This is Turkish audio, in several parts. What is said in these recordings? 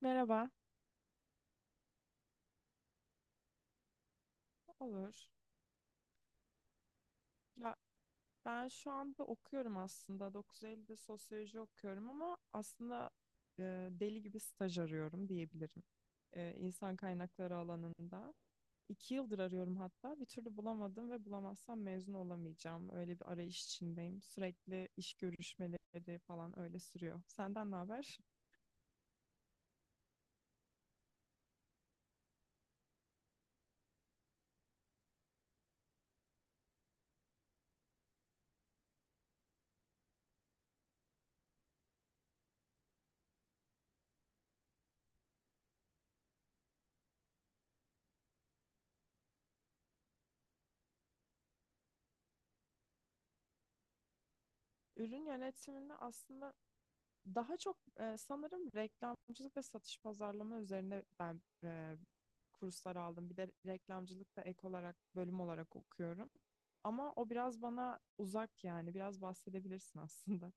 Merhaba. Olur. Ya ben şu anda okuyorum aslında. 9 Eylül'de sosyoloji okuyorum ama aslında deli gibi staj arıyorum diyebilirim. E, insan kaynakları alanında. İki yıldır arıyorum hatta. Bir türlü bulamadım ve bulamazsam mezun olamayacağım. Öyle bir arayış içindeyim. Sürekli iş görüşmeleri falan öyle sürüyor. Senden ne haber? Ürün yönetiminde aslında daha çok sanırım reklamcılık ve satış pazarlama üzerine ben kurslar aldım. Bir de reklamcılık da ek olarak bölüm olarak okuyorum. Ama o biraz bana uzak yani. Biraz bahsedebilirsin aslında.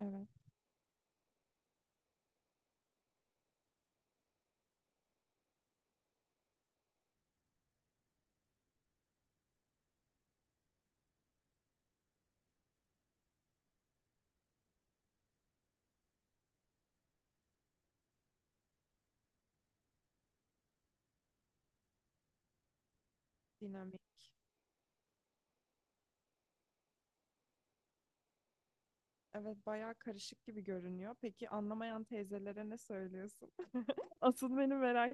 Evet, dinamik. Evet, bayağı karışık gibi görünüyor. Peki anlamayan teyzelere ne söylüyorsun? Asıl beni merak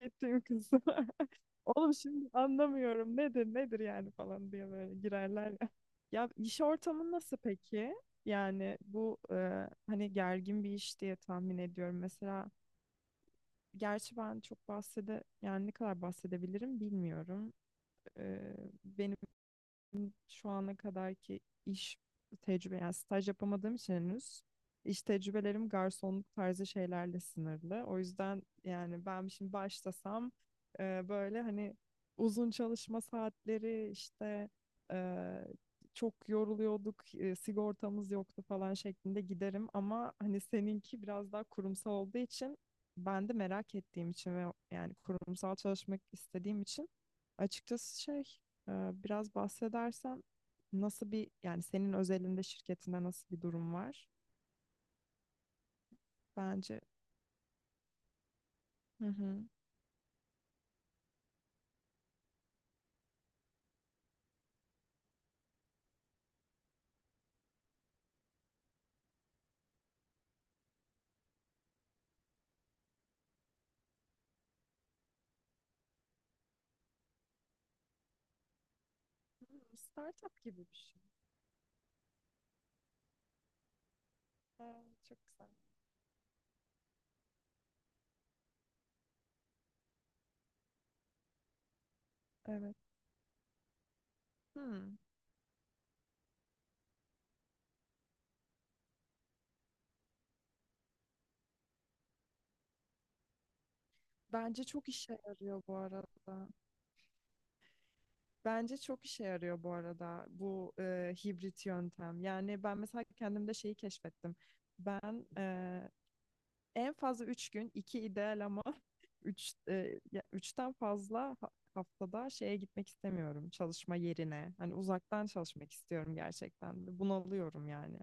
ettiğim kısım. Oğlum şimdi anlamıyorum nedir nedir yani falan diye böyle girerler. Ya iş ortamı nasıl peki? Yani bu hani gergin bir iş diye tahmin ediyorum. Mesela gerçi ben çok bahsede yani ne kadar bahsedebilirim bilmiyorum. E, benim şu ana kadarki iş tecrübe yani staj yapamadığım için henüz iş tecrübelerim garsonluk tarzı şeylerle sınırlı. O yüzden yani ben şimdi başlasam böyle hani uzun çalışma saatleri işte e, çok yoruluyorduk, sigortamız yoktu falan şeklinde giderim ama hani seninki biraz daha kurumsal olduğu için ben de merak ettiğim için ve yani kurumsal çalışmak istediğim için açıkçası şey, biraz bahsedersen nasıl bir yani senin özelinde şirketinde nasıl bir durum var? Bence. Hı hı. Hmm, startup gibi bir şey. Aa, çok güzel. Evet. Hmm. Bence çok işe yarıyor bu arada. Bence çok işe yarıyor bu arada bu hibrit yöntem. Yani ben mesela kendimde şeyi keşfettim. Ben en fazla 3 gün, 2 ideal ama 3 üçten fazla haftada şeye gitmek istemiyorum çalışma yerine. Hani uzaktan çalışmak istiyorum gerçekten. Ve bunalıyorum yani.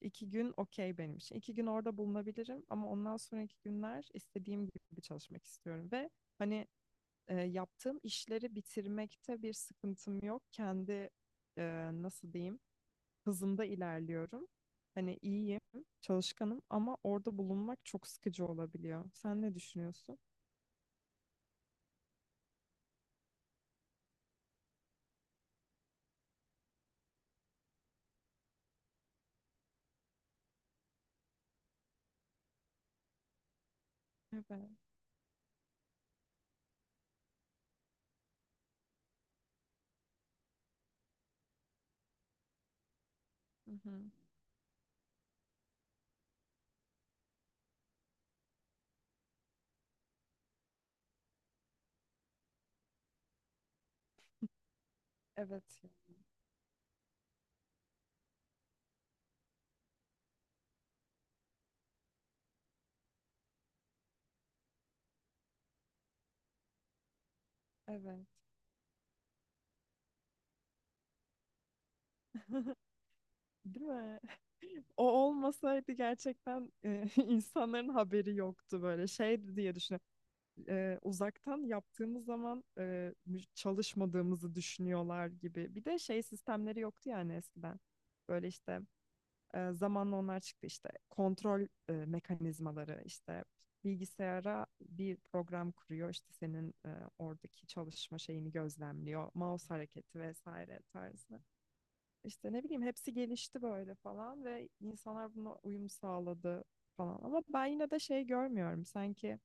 2 gün okey benim için. 2 gün orada bulunabilirim ama ondan sonraki günler istediğim gibi çalışmak istiyorum ve hani yaptığım işleri bitirmekte bir sıkıntım yok. Kendi nasıl diyeyim, hızımda ilerliyorum. Hani iyiyim, çalışkanım ama orada bulunmak çok sıkıcı olabiliyor. Sen ne düşünüyorsun? Evet. Hı hı. Evet. Ya. Evet. Değil mi? O olmasaydı gerçekten insanların haberi yoktu böyle şey diye düşünüyorum. Uzaktan yaptığımız zaman çalışmadığımızı düşünüyorlar gibi. Bir de şey sistemleri yoktu yani eskiden. Böyle işte zamanla onlar çıktı işte kontrol mekanizmaları işte bilgisayara bir program kuruyor işte senin oradaki çalışma şeyini gözlemliyor mouse hareketi vesaire tarzı işte ne bileyim hepsi gelişti böyle falan ve insanlar buna uyum sağladı falan ama ben yine de şey görmüyorum sanki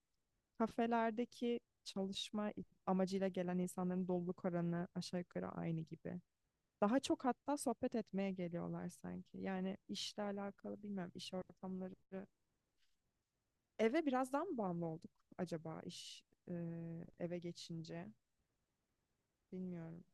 kafelerdeki çalışma amacıyla gelen insanların doluluk oranı aşağı yukarı aynı gibi, daha çok hatta sohbet etmeye geliyorlar sanki. Yani işle alakalı bilmem iş ortamları. Eve biraz daha mı bağımlı olduk acaba iş e, eve geçince? Bilmiyorum.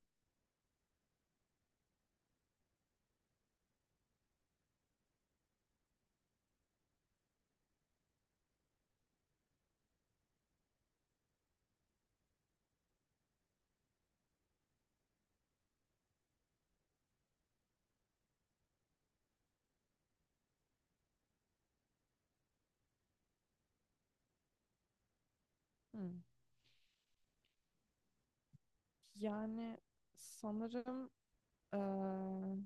Hmm. Yani sanırım eee,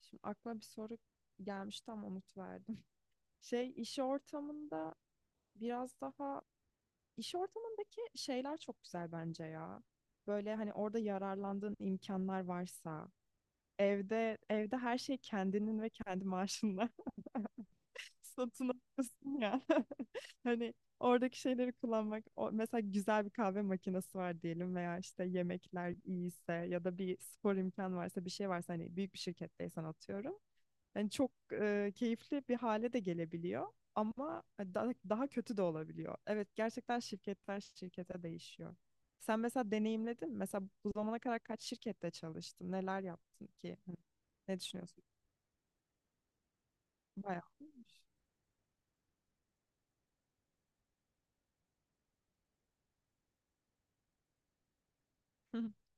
şimdi aklıma bir soru gelmişti ama unut verdim. Şey biraz daha İş ortamındaki şeyler çok güzel bence ya. Böyle hani orada yararlandığın imkanlar varsa, evde her şey kendinin ve kendi maaşınla satın alıyorsun ya. Hani oradaki şeyleri kullanmak, o, mesela güzel bir kahve makinesi var diyelim veya işte yemekler iyiyse ya da bir spor imkanı varsa, bir şey varsa hani büyük bir şirketteysen atıyorum. Yani çok keyifli bir hale de gelebiliyor ama daha kötü de olabiliyor. Evet gerçekten şirketler şirkete değişiyor. Sen mesela deneyimledin mi? Mesela bu zamana kadar kaç şirkette çalıştın? Neler yaptın ki? Hani ne düşünüyorsun? Bayağı olmuş.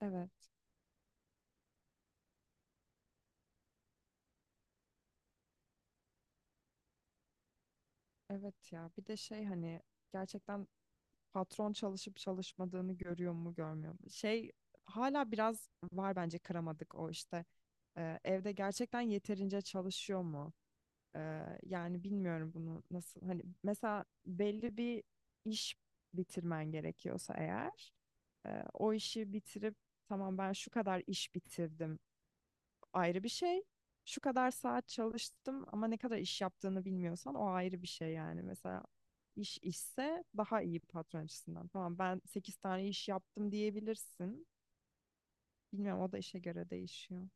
Evet. Evet ya. Bir de şey hani gerçekten patron çalışıp çalışmadığını görüyor mu görmüyor mu? Şey, hala biraz var bence, kıramadık o işte. Evde gerçekten yeterince çalışıyor mu? Yani bilmiyorum bunu nasıl, hani mesela belli bir iş bitirmen gerekiyorsa eğer, o işi bitirip tamam ben şu kadar iş bitirdim, ayrı bir şey. Şu kadar saat çalıştım ama ne kadar iş yaptığını bilmiyorsan o ayrı bir şey yani. Mesela iş işse daha iyi patron açısından. Tamam ben 8 tane iş yaptım diyebilirsin. Bilmiyorum, o da işe göre değişiyor.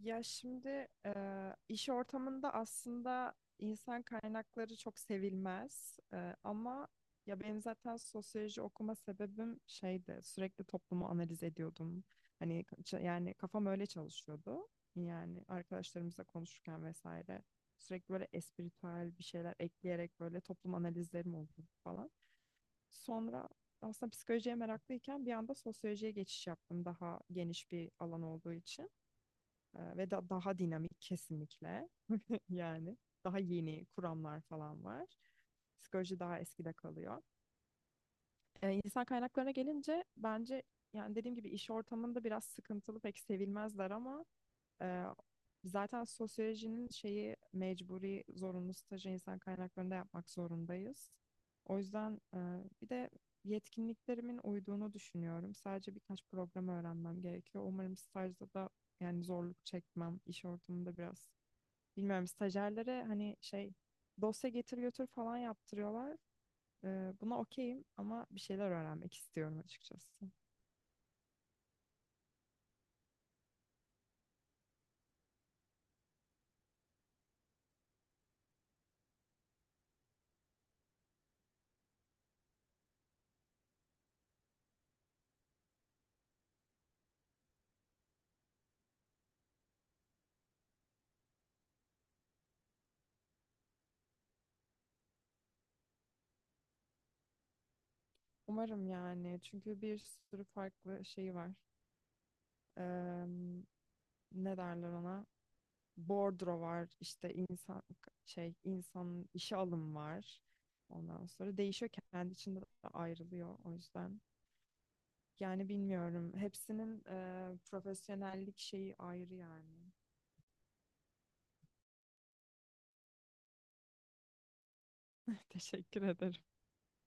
Ya şimdi iş ortamında aslında insan kaynakları çok sevilmez. Ama ya benim zaten sosyoloji okuma sebebim şeydi, sürekli toplumu analiz ediyordum. Hani yani kafam öyle çalışıyordu. Yani arkadaşlarımızla konuşurken vesaire sürekli böyle espritüel bir şeyler ekleyerek böyle toplum analizlerim oldu falan. Sonra aslında psikolojiye meraklıyken bir anda sosyolojiye geçiş yaptım daha geniş bir alan olduğu için. Ve daha dinamik kesinlikle yani daha yeni kuramlar falan var. Psikoloji daha eskide kalıyor. İnsan kaynaklarına gelince bence yani dediğim gibi iş ortamında biraz sıkıntılı, pek sevilmezler ama ee, zaten sosyolojinin şeyi, mecburi zorunlu stajı insan kaynaklarında yapmak zorundayız. O yüzden bir de yetkinliklerimin uyduğunu düşünüyorum. Sadece birkaç program öğrenmem gerekiyor. Umarım stajda da yani zorluk çekmem iş ortamında biraz. Bilmiyorum stajyerlere hani şey dosya getir götür falan yaptırıyorlar. Buna okeyim ama bir şeyler öğrenmek istiyorum açıkçası. Umarım yani çünkü bir sürü farklı şey var. Ne derler ona? Bordro var, işte insan şey insanın işe alım var. Ondan sonra değişiyor, kendi içinde de ayrılıyor o yüzden. Yani bilmiyorum. Hepsinin profesyonellik şeyi ayrı yani. Teşekkür ederim.